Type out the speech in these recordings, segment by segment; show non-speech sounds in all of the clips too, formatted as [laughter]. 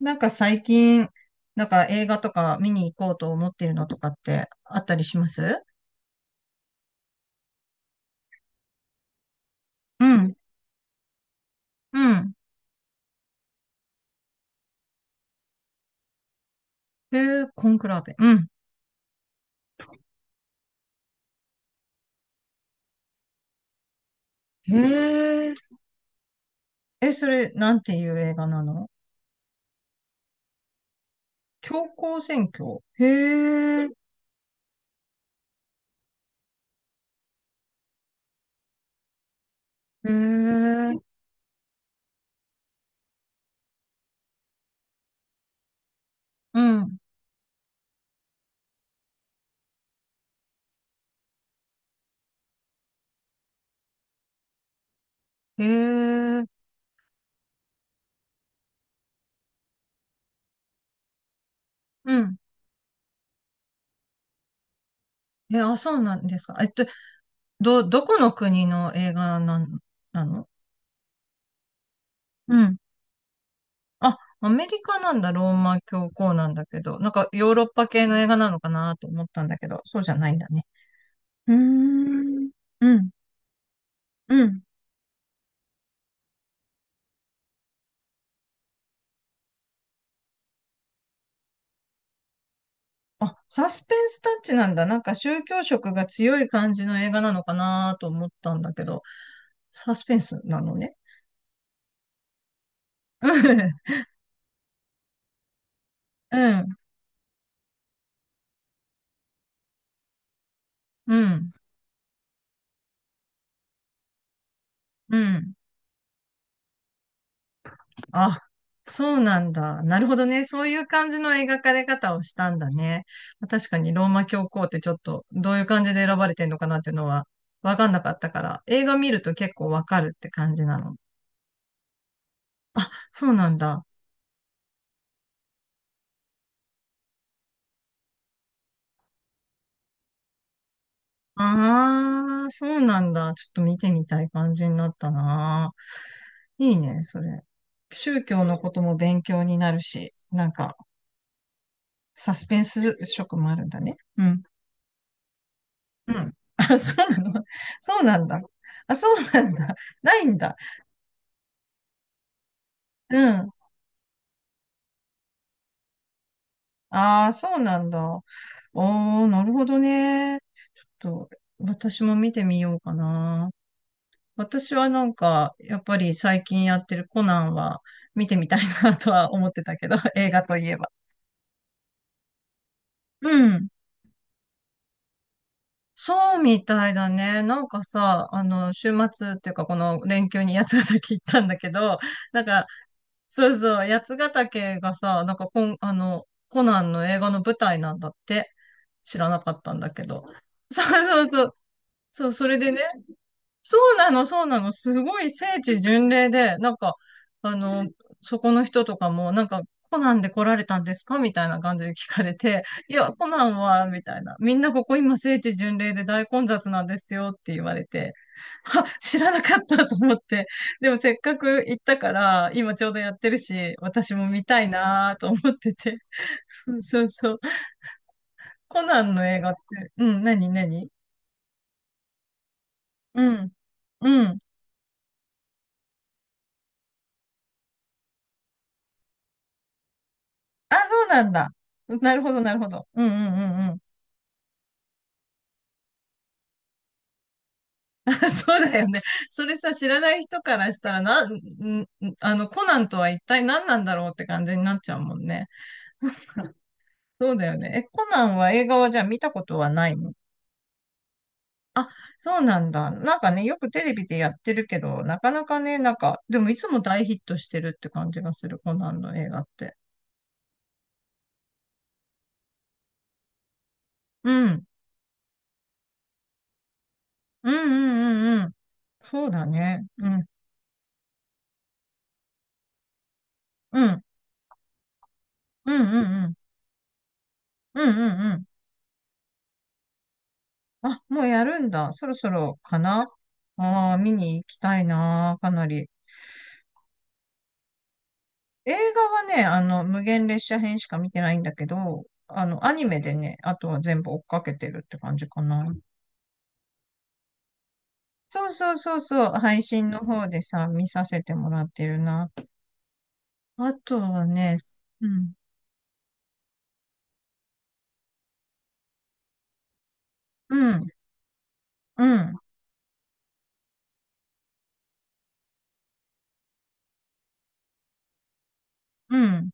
なんか最近、なんか映画とか見に行こうと思っているのとかってあったりします？うん。うん。へえ、コンクラーベ。うん。へえ。え、それ、なんていう映画なの？教皇選挙。へえ。へえ。うん。へえ。うん。え、あ、そうなんですか。どこの国の映画なの？あ、アメリカなんだ、ローマ教皇なんだけど、なんかヨーロッパ系の映画なのかなと思ったんだけど、そうじゃないんだね。うーん、うん、うん。あ、サスペンスタッチなんだ。なんか宗教色が強い感じの映画なのかなと思ったんだけど、サスペンスなのね。うん、うん、うん。うん。あ、そうなんだ。なるほどね。そういう感じの描かれ方をしたんだね。確かにローマ教皇ってちょっとどういう感じで選ばれてんのかなっていうのはわかんなかったから、映画見ると結構わかるって感じなの？あ、そうなんだ。ああ、そうなんだ。ちょっと見てみたい感じになったな。いいね、それ。宗教のことも勉強になるし、なんかサスペンス色もあるんだね。うん。うん。あ、そうなの？そうなんだ。あ、そうなんだ。ないんだ。うん。ああ、そうなんだ。おー、なるほどね。と、私も見てみようかな。私はなんか、やっぱり最近やってるコナンは見てみたいなとは思ってたけど、[laughs] 映画といえば。うん。そうみたいだね。なんかさ、あの、週末っていうかこの連休に八ヶ岳行ったんだけど、なんかそうそう、八ヶ岳がさ、なんかこん、あの、コナンの映画の舞台なんだって知らなかったんだけど。そうそうそう。そう、それでね、そうなの、そうなの。すごい聖地巡礼で、なんか、あの、そこの人とかも、なんか、コナンで来られたんですかみたいな感じで聞かれて、いや、コナンは、みたいな。みんなここ今聖地巡礼で大混雑なんですよって言われて、あ、知らなかったと思って。でもせっかく行ったから、今ちょうどやってるし、私も見たいなと思ってて。そうそうそう。コナンの映画って、うん、何？うん、うん。あ、そうなんだ。なるほど、なるほど。うんうんうんうん。[laughs] そうだよね。それさ、知らない人からしたら、な、ん、んあの、コナンとは一体何なんだろうって感じになっちゃうもんね。そうだよね。え、コナンは映画はじゃあ見たことはないの？あ、そうなんだ。なんかね、よくテレビでやってるけど、なかなかね、なんか、でもいつも大ヒットしてるって感じがする、コナンの映画って。うん。うんうんうんうん。そうだね。うん。うん。うんうんうん。うんうんうん。あ、もうやるんだ。そろそろかな？ああ見に行きたいな、かなり。映画はね、あの、無限列車編しか見てないんだけど、あの、アニメでね、あとは全部追っかけてるって感じかな。そうそうそうそう、配信の方でさ、見させてもらってるな。あとはね、うん、うん、うん、うん、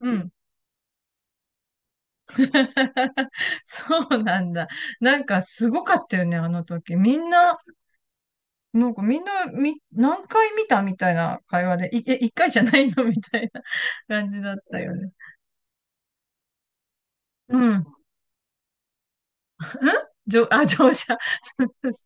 うん。[laughs] そうなんだ。なんかすごかったよね、あの時。みんな、なんかみんな、何回見たみたいな会話で、一回じゃないのみたいな [laughs] 感じだったよね。うん。じょ、あ、乗車。[laughs]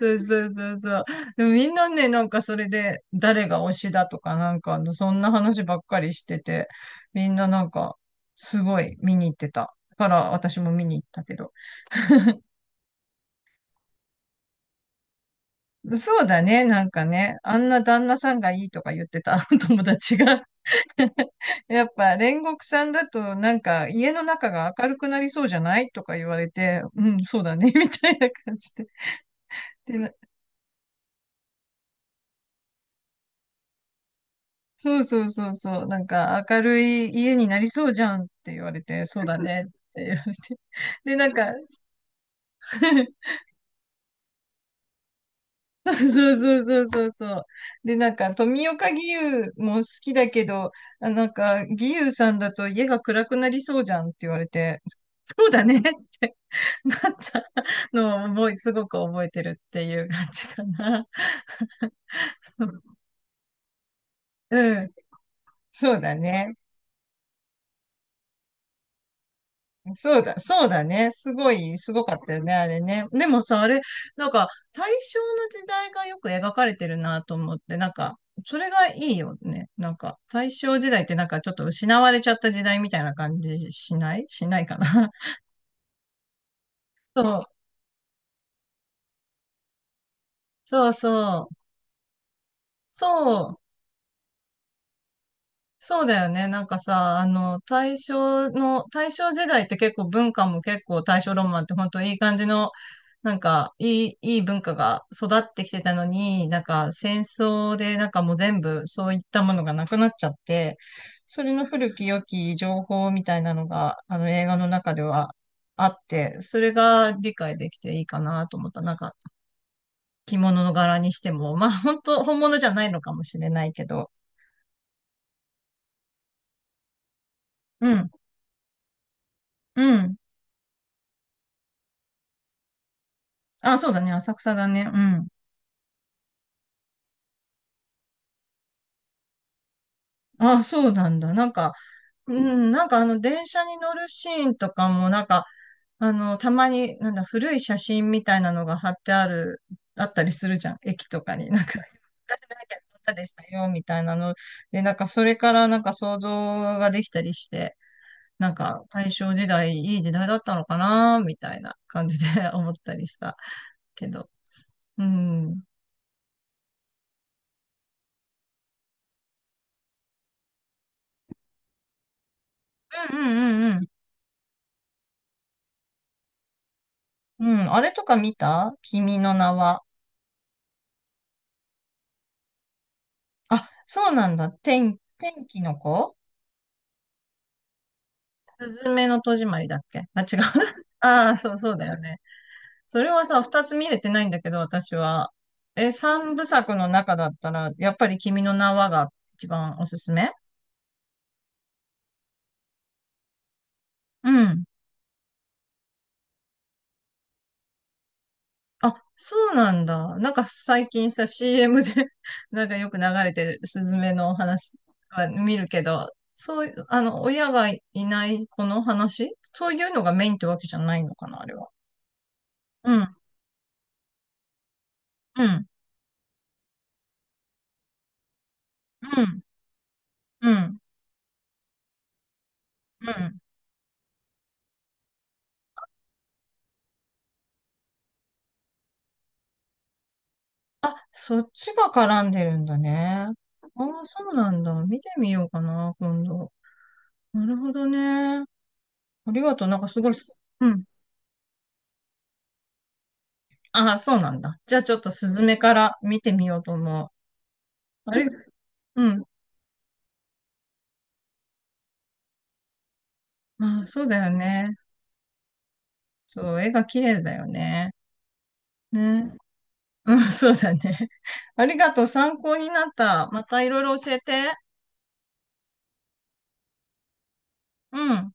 そうそうそうそう。でもみんなね、なんかそれで、誰が推しだとか、なんか、そんな話ばっかりしてて、みんななんか、すごい見に行ってた。だから、私も見に行ったけど。そうだね、なんかね、あんな旦那さんがいいとか言ってた [laughs] 友達がやっぱ煉獄さんだとなんか家の中が明るくなりそうじゃないとか言われて、うん、そうだね、[laughs] みたいな感じで。で、なそうそうそうそう、なんか明るい家になりそうじゃんって言われて、そうだねって言われて。で、なんか、[laughs] そうそうそうそうそう。で、なんか富岡義勇も好きだけど、あなんか義勇さんだと家が暗くなりそうじゃんって言われて、そうだねってなったのをすごく覚えてるっていう感じかな。うん。そうだね。そうだね。すごかったよね、あれね。でもさ、あれ、なんか、大正の時代がよく描かれてるなと思って、なんか、それがいいよね。なんか、大正時代ってなんかちょっと失われちゃった時代みたいな感じしないかな。[laughs] そう、そうそう。そう、そうだよね。なんかさ、あの、大正時代って結構文化も結構大正ロマンって本当いい感じの、なんかいい文化が育ってきてたのに、なんか戦争でなんかもう全部そういったものがなくなっちゃって、それの古き良き情報みたいなのが、あの映画の中ではあって、それが理解できていいかなと思った。なんか着物の柄にしても、まあ本当本物じゃないのかもしれないけど、うん、うん。あ、そうだね、浅草だね。うん。あ、そうなんだ。なんか、うん、なんかあの、電車に乗るシーンとかも、なんか、あの、たまに、なんだ、古い写真みたいなのが貼ってある、あったりするじゃん。駅とかに。なんか、昔何々こんなでしたよ、みたいなの。で、なんか、それからなんか想像ができたりして、なんか、大正時代、いい時代だったのかな、みたいな感じで [laughs] 思ったりしたけど。うん。うんうんうんうん。うん、あれとか見た？君の名は。あ、そうなんだ。天気の子？すずめの戸締まりだっけ？あ、違う。[laughs] ああ、そう、そうだよね。それはさ、二つ見れてないんだけど、私は。え、三部作の中だったら、やっぱり君の名はが一番おすすめ？うん。あ、そうなんだ。なんか最近さ、CM で [laughs] なんかよく流れてるスズメの話は見るけど、そういう、あの、親がいない子の話、そういうのがメインってわけじゃないのかな、あれは。うん、うん、うん。うん。うん。そっちが絡んでるんだね。ああ、そうなんだ。見てみようかな、今度。なるほどね。ありがとう。なんかすごいす、うん。ああ、そうなんだ。じゃあちょっとスズメから見てみようと思う。あれ、うん。ああ、そうだよね。そう、絵が綺麗だよね。ね。うん、そうだね。[laughs] ありがとう。参考になった。またいろいろ教えて。うん。